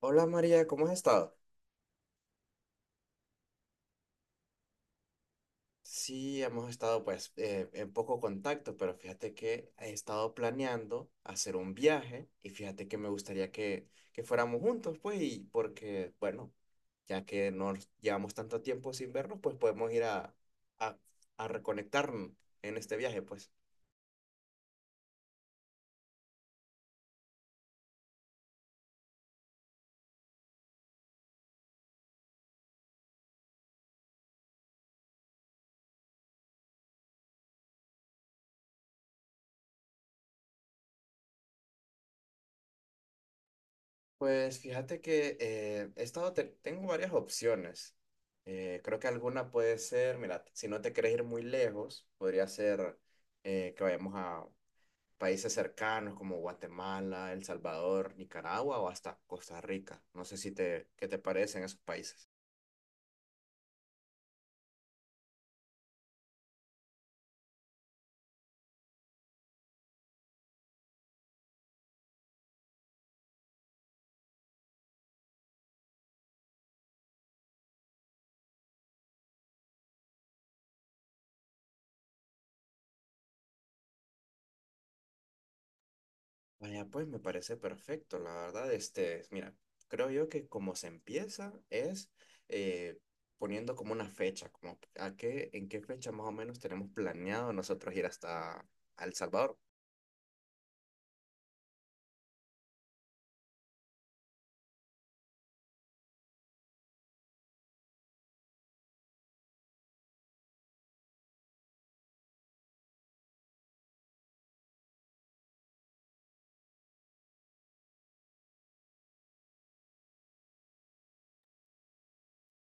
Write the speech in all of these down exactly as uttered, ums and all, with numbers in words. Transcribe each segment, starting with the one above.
Hola María, ¿cómo has estado? Sí, hemos estado pues eh, en poco contacto, pero fíjate que he estado planeando hacer un viaje y fíjate que me gustaría que, que fuéramos juntos, pues, y porque, bueno, ya que nos llevamos tanto tiempo sin vernos, pues podemos ir a, a, a reconectarnos en este viaje, pues. Pues fíjate que eh, he estado, te- tengo varias opciones. Eh, creo que alguna puede ser, mira, si no te querés ir muy lejos, podría ser eh, que vayamos a países cercanos como Guatemala, El Salvador, Nicaragua o hasta Costa Rica. No sé si te, qué te parecen esos países. Vaya, pues me parece perfecto, la verdad, este, mira, creo yo que como se empieza es eh, poniendo como una fecha, como a qué, en qué fecha más o menos tenemos planeado nosotros ir hasta a El Salvador.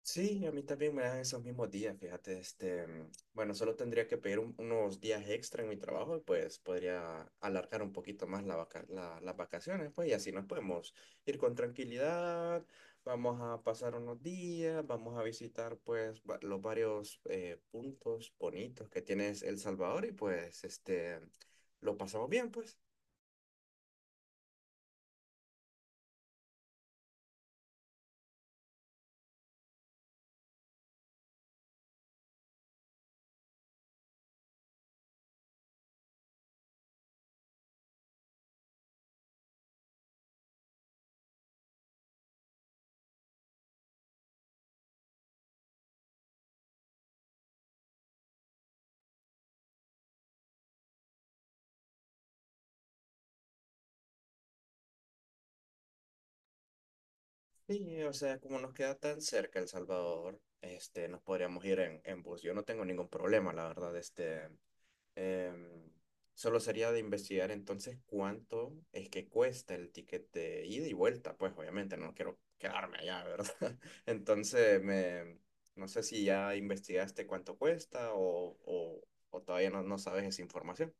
Sí, a mí también me dan esos mismos días, fíjate, este, mm, bueno, solo tendría que pedir un- unos días extra en mi trabajo y pues podría alargar un poquito más la vaca- la- las vacaciones, pues, y así nos podemos ir con tranquilidad, vamos a pasar unos días, vamos a visitar pues va- los varios eh, puntos bonitos que tiene El Salvador y pues, este, lo pasamos bien, pues. Sí, o sea, como nos queda tan cerca El Salvador, este, nos podríamos ir en, en bus. Yo no tengo ningún problema, la verdad, este, em, solo sería de investigar entonces cuánto es que cuesta el ticket de ida y vuelta, pues obviamente no quiero quedarme allá, ¿verdad? Entonces, me, no sé si ya investigaste cuánto cuesta o, o, o todavía no, no sabes esa información.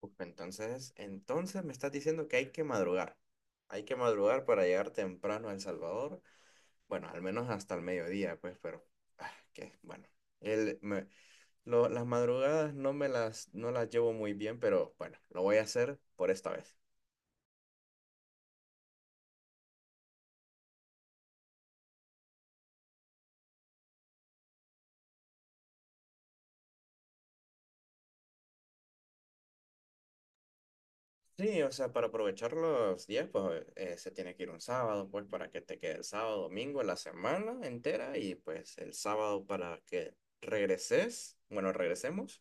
Uf, Entonces, entonces me estás diciendo que hay que madrugar. Hay que madrugar para llegar temprano a El Salvador. Bueno, al menos hasta el mediodía, pues, pero ah, que bueno. El, me- lo- las madrugadas no me las, no las llevo muy bien, pero bueno, lo voy a hacer por esta vez. Sí, o sea, para aprovechar los días, pues eh, se tiene que ir un sábado, pues para que te quede el sábado, domingo, la semana entera y pues el sábado para que regreses, bueno, regresemos.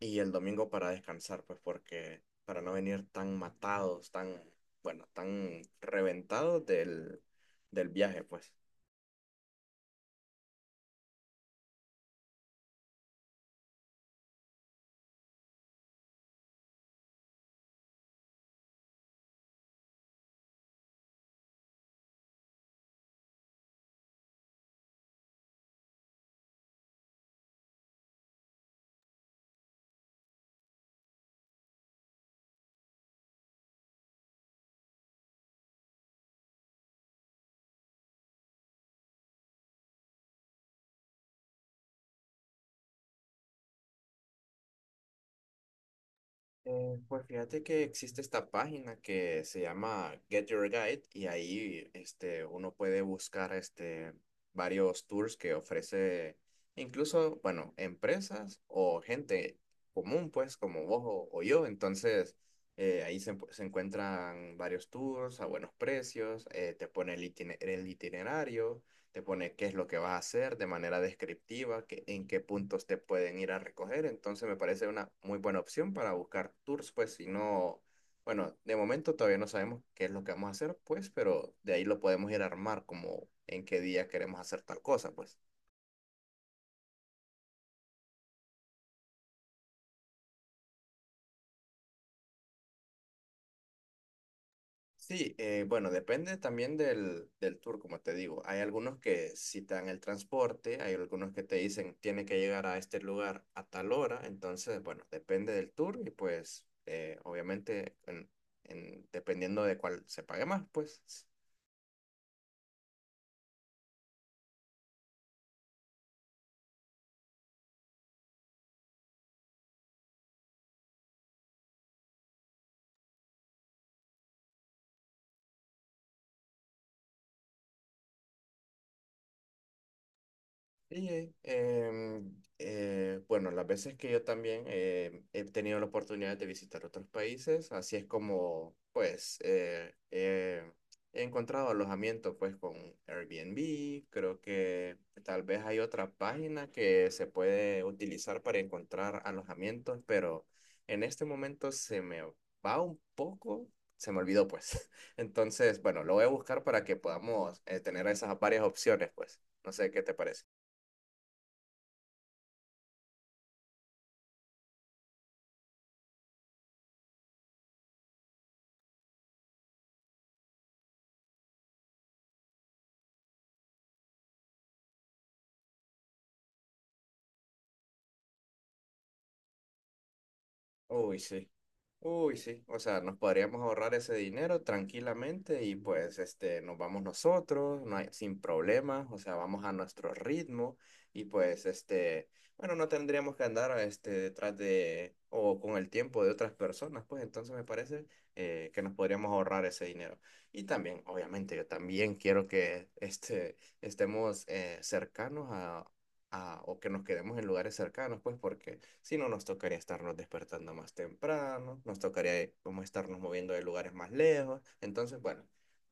Y el domingo para descansar, pues porque para no venir tan matados, tan, bueno, tan reventados del, del viaje, pues. Eh, pues fíjate que existe esta página que se llama Get Your Guide y ahí este, uno puede buscar este, varios tours que ofrece incluso, bueno, empresas o gente común, pues como vos o, o yo. Entonces eh, ahí se, se encuentran varios tours a buenos precios, eh, te pone el itine- el itinerario, te pone qué es lo que vas a hacer de manera descriptiva, qué- en qué puntos te pueden ir a recoger. Entonces me parece una muy buena opción para buscar tours, pues si no, bueno, de momento todavía no sabemos qué es lo que vamos a hacer, pues, pero de ahí lo podemos ir a armar como en qué día queremos hacer tal cosa, pues. Sí, eh, bueno, depende también del, del tour, como te digo. Hay algunos que sí te dan el transporte, hay algunos que te dicen tiene que llegar a este lugar a tal hora, entonces, bueno, depende del tour y pues eh, obviamente en- en- dependiendo de cuál se pague más, pues. Sí, em, eh, bueno, las veces que yo también eh, he tenido la oportunidad de visitar otros países, así es como, pues, eh, eh, he encontrado alojamiento, pues, con Airbnb. Creo que tal vez hay otra página que se puede utilizar para encontrar alojamientos, pero en este momento se me va un poco, se me olvidó, pues. Entonces, bueno, lo voy a buscar para que podamos eh, tener esas varias opciones, pues. No sé qué te parece. Uy, sí. Uy, sí. O sea, nos podríamos ahorrar ese dinero tranquilamente y pues este, nos vamos nosotros, no hay, sin problemas, o sea, vamos a nuestro ritmo y pues este, bueno, no tendríamos que andar este, detrás de o con el tiempo de otras personas, pues entonces me parece eh, que nos podríamos ahorrar ese dinero. Y también, obviamente, yo también quiero que este, estemos eh, cercanos a, a, o que nos quedemos en lugares cercanos, pues porque... Si no, nos tocaría estarnos despertando más temprano, nos tocaría eh, como estarnos moviendo de lugares más lejos. Entonces, bueno,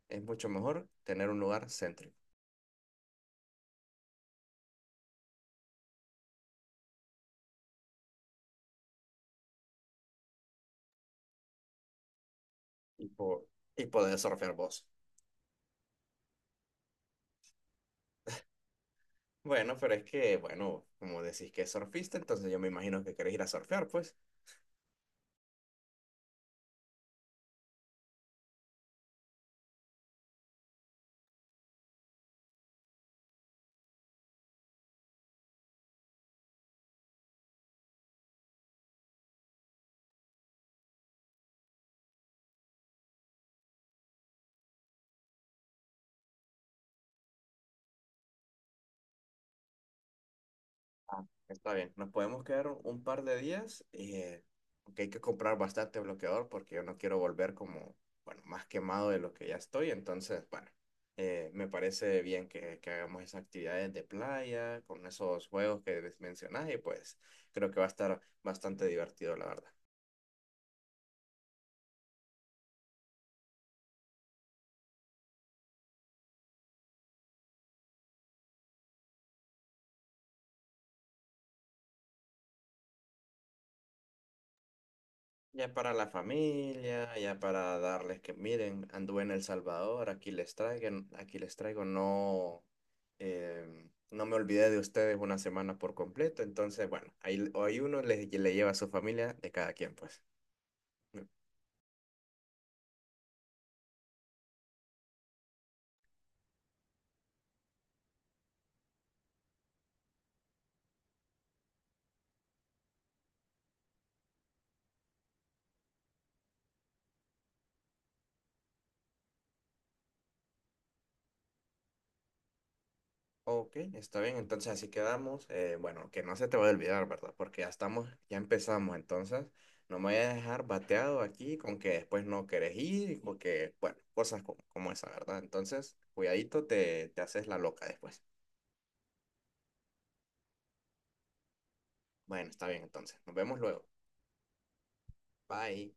es mucho mejor tener un lugar céntrico y, po- y poder surfear vos. Bueno, pero es que, bueno, como decís que es surfista, entonces yo me imagino que querés ir a surfear, pues. Ah, está bien, nos podemos quedar un par de días, eh, aunque hay que comprar bastante bloqueador porque yo no quiero volver como, bueno, más quemado de lo que ya estoy, entonces, bueno, eh, me parece bien que, que hagamos esas actividades de playa con esos juegos que mencionas y pues creo que va a estar bastante divertido, la verdad. Ya para la familia, ya para darles que miren, anduve en El Salvador, aquí les traigo, aquí les traigo, no, eh, no me olvidé de ustedes una semana por completo, entonces bueno, ahí, ahí uno le, le lleva a su familia de cada quien, pues. Ok, está bien, entonces así quedamos. Eh, bueno, que no se te va a olvidar, ¿verdad? Porque ya estamos, ya empezamos, entonces no me voy a dejar bateado aquí con que después no querés ir, y porque, bueno, cosas como, como esa, ¿verdad? Entonces, cuidadito, te, te haces la loca después. Bueno, está bien, entonces, nos vemos luego. Bye.